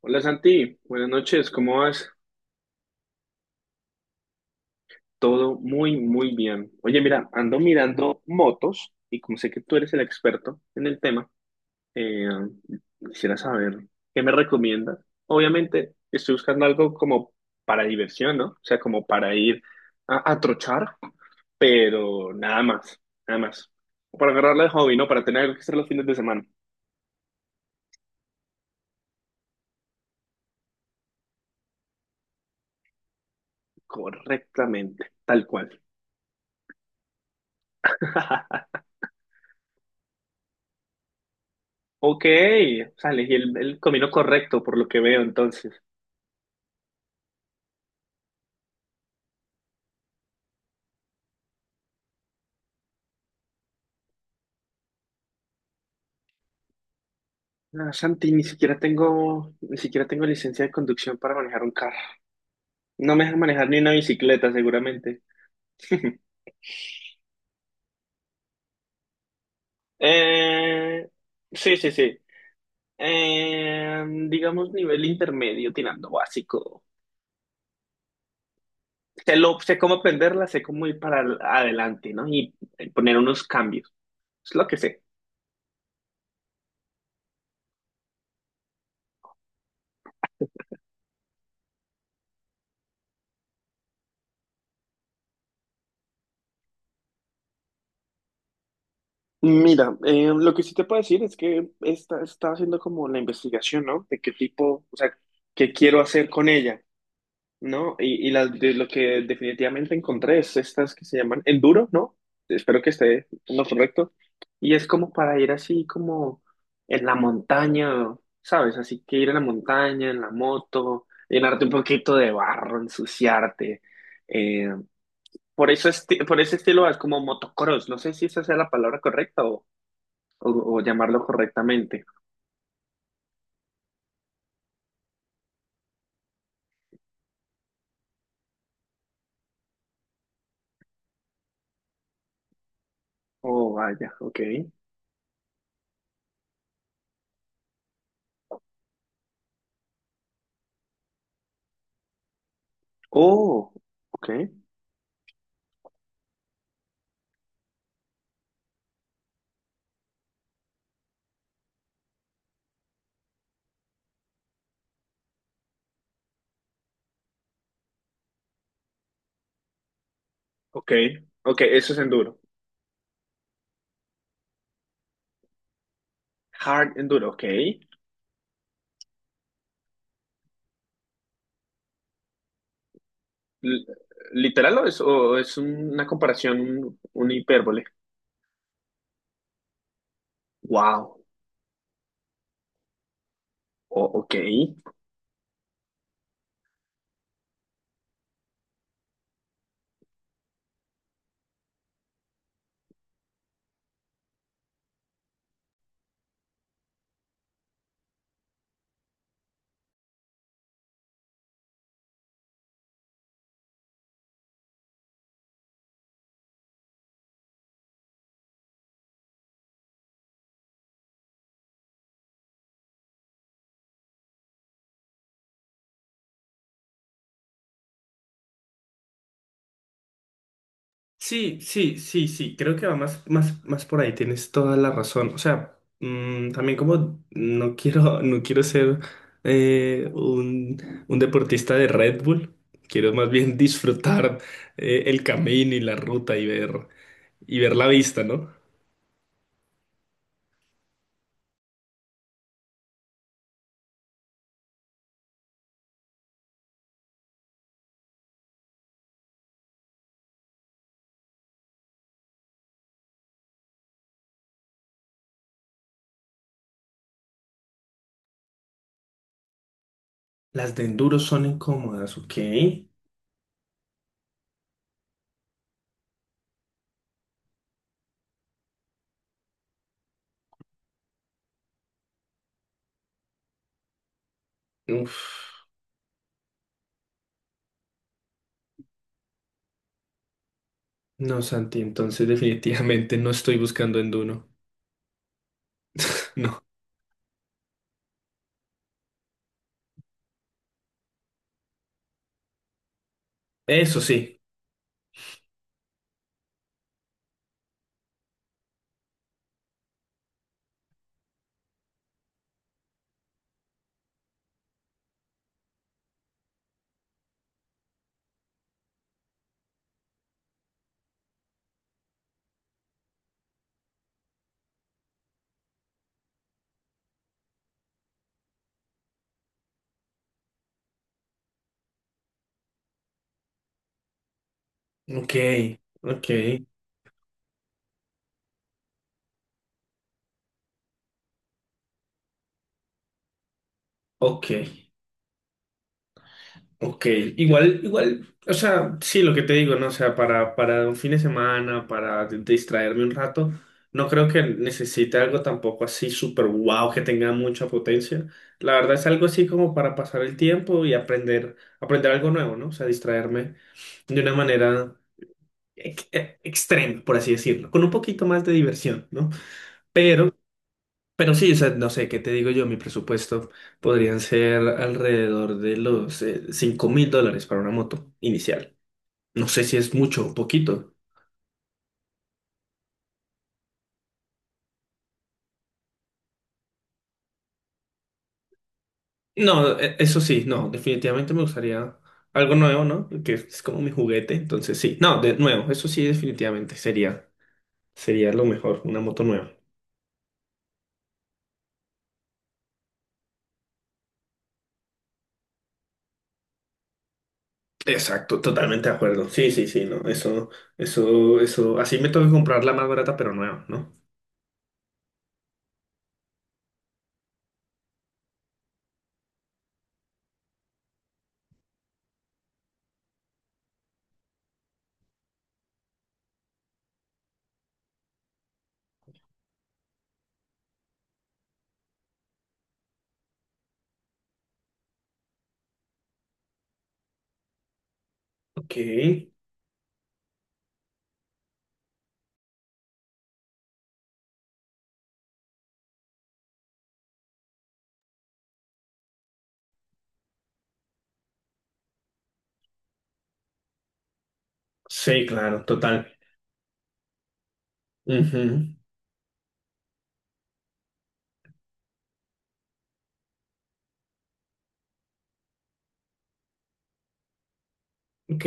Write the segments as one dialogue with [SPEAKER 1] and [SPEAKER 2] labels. [SPEAKER 1] Hola Santi, buenas noches, ¿cómo vas? Todo muy, muy bien. Oye, mira, ando mirando motos y como sé que tú eres el experto en el tema, eh, quisiera saber qué me recomiendas. Obviamente estoy buscando algo como para diversión, ¿no? O sea, como para ir a trochar, pero nada más, nada más. O para agarrarla de hobby, ¿no? Para tener algo que hacer los fines de semana. Correctamente, tal cual. Ok, o sea, elegí el camino correcto por lo que veo entonces. Ah, Santi, ni siquiera tengo licencia de conducción para manejar un carro. No me dejan manejar ni una bicicleta, seguramente. Eh, sí, sí, sí. Digamos nivel intermedio, tirando básico. Sé cómo aprenderla, sé cómo ir para adelante, ¿no? Y poner unos cambios. Es lo que sé. Mira, lo que sí te puedo decir es que estaba haciendo como la investigación, ¿no? De qué tipo, o sea, qué quiero hacer con ella. No, y las lo que definitivamente encontré es estas que se llaman enduro, ¿no? Espero que esté en lo correcto. Y es como para ir así como en la montaña, ¿sabes? Así que ir en la montaña, en la moto, llenarte un poquito de barro, ensuciarte. Eh, por ese estilo es como motocross. No sé si esa sea la palabra correcta o, o llamarlo correctamente. Oh, vaya, ok. Oh, ok. Ok, ok, eso es enduro. Hard Enduro, ok. ¿Literal o es una comparación, una hipérbole? Wow, ok. Sí, sí, sí, sí, creo que va más, más, más por ahí, tienes toda la razón. O sea, también como no quiero ser un deportista de Red Bull, quiero más bien disfrutar el camino y la ruta y ver la vista, ¿no? Las de enduro son incómodas, ¿ok? Uf, no, Santi, entonces definitivamente no estoy buscando en No. Eso sí. Ok, ok, ok, ok. Igual, igual, o sea, sí, lo que te digo, ¿no? O sea, para un fin de semana, para distraerme un rato, no creo que necesite algo tampoco así súper wow que tenga mucha potencia. La verdad es algo así como para pasar el tiempo y aprender algo nuevo, ¿no? O sea, distraerme de una manera extrema, por así decirlo, con un poquito más de diversión, ¿no? Pero, pero sí, o sea, no sé, ¿qué te digo yo? Mi presupuesto podrían ser alrededor de los $5.000 para una moto inicial. No sé si es mucho o poquito. No, eso sí, no, definitivamente me gustaría algo nuevo, ¿no? Que es como mi juguete, entonces sí. No, de nuevo, eso sí, definitivamente sería lo mejor, una moto nueva. Exacto, totalmente de acuerdo. Sí, sí, sí, no, eso, así me toca comprar la más barata, pero nueva, ¿no? Ok, sí, claro, total. Ujú. Ok.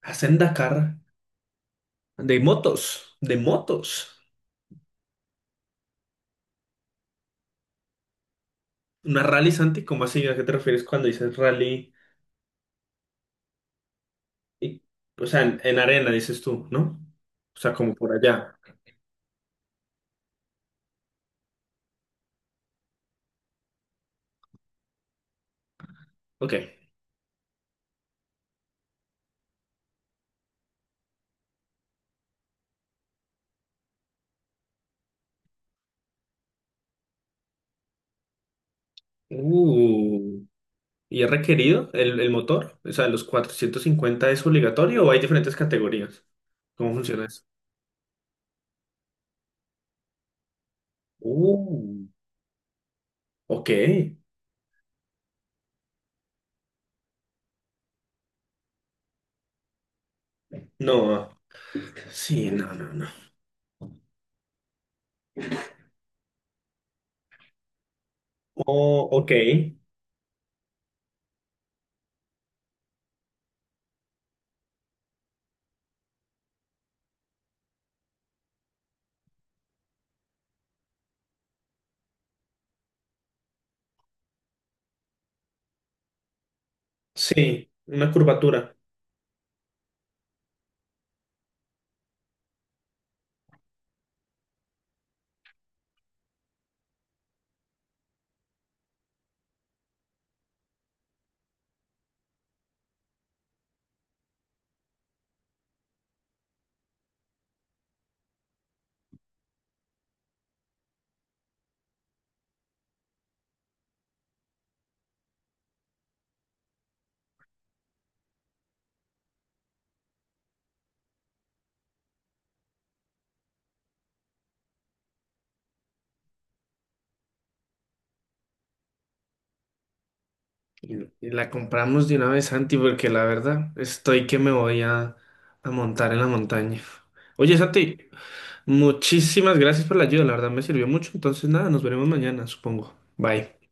[SPEAKER 1] Hacen Dakar. De motos. De motos. Una rally, Santi, ¿cómo así? ¿A qué te refieres cuando dices rally? Y- o sea, en arena dices tú, ¿no? O sea, como por allá. Ok. Uh, ¿Y es requerido el motor? O sea, ¿los 450 es obligatorio o hay diferentes categorías? ¿Cómo funciona eso? Uh, ok. No, sí, no, no, no. Oh, ok. Sí, una curvatura. Y, y la compramos de una vez, Santi, porque la verdad estoy que me voy a montar en la montaña. Oye, Santi, muchísimas gracias por la ayuda, la verdad me sirvió mucho. Entonces, nada, nos veremos mañana, supongo. Bye.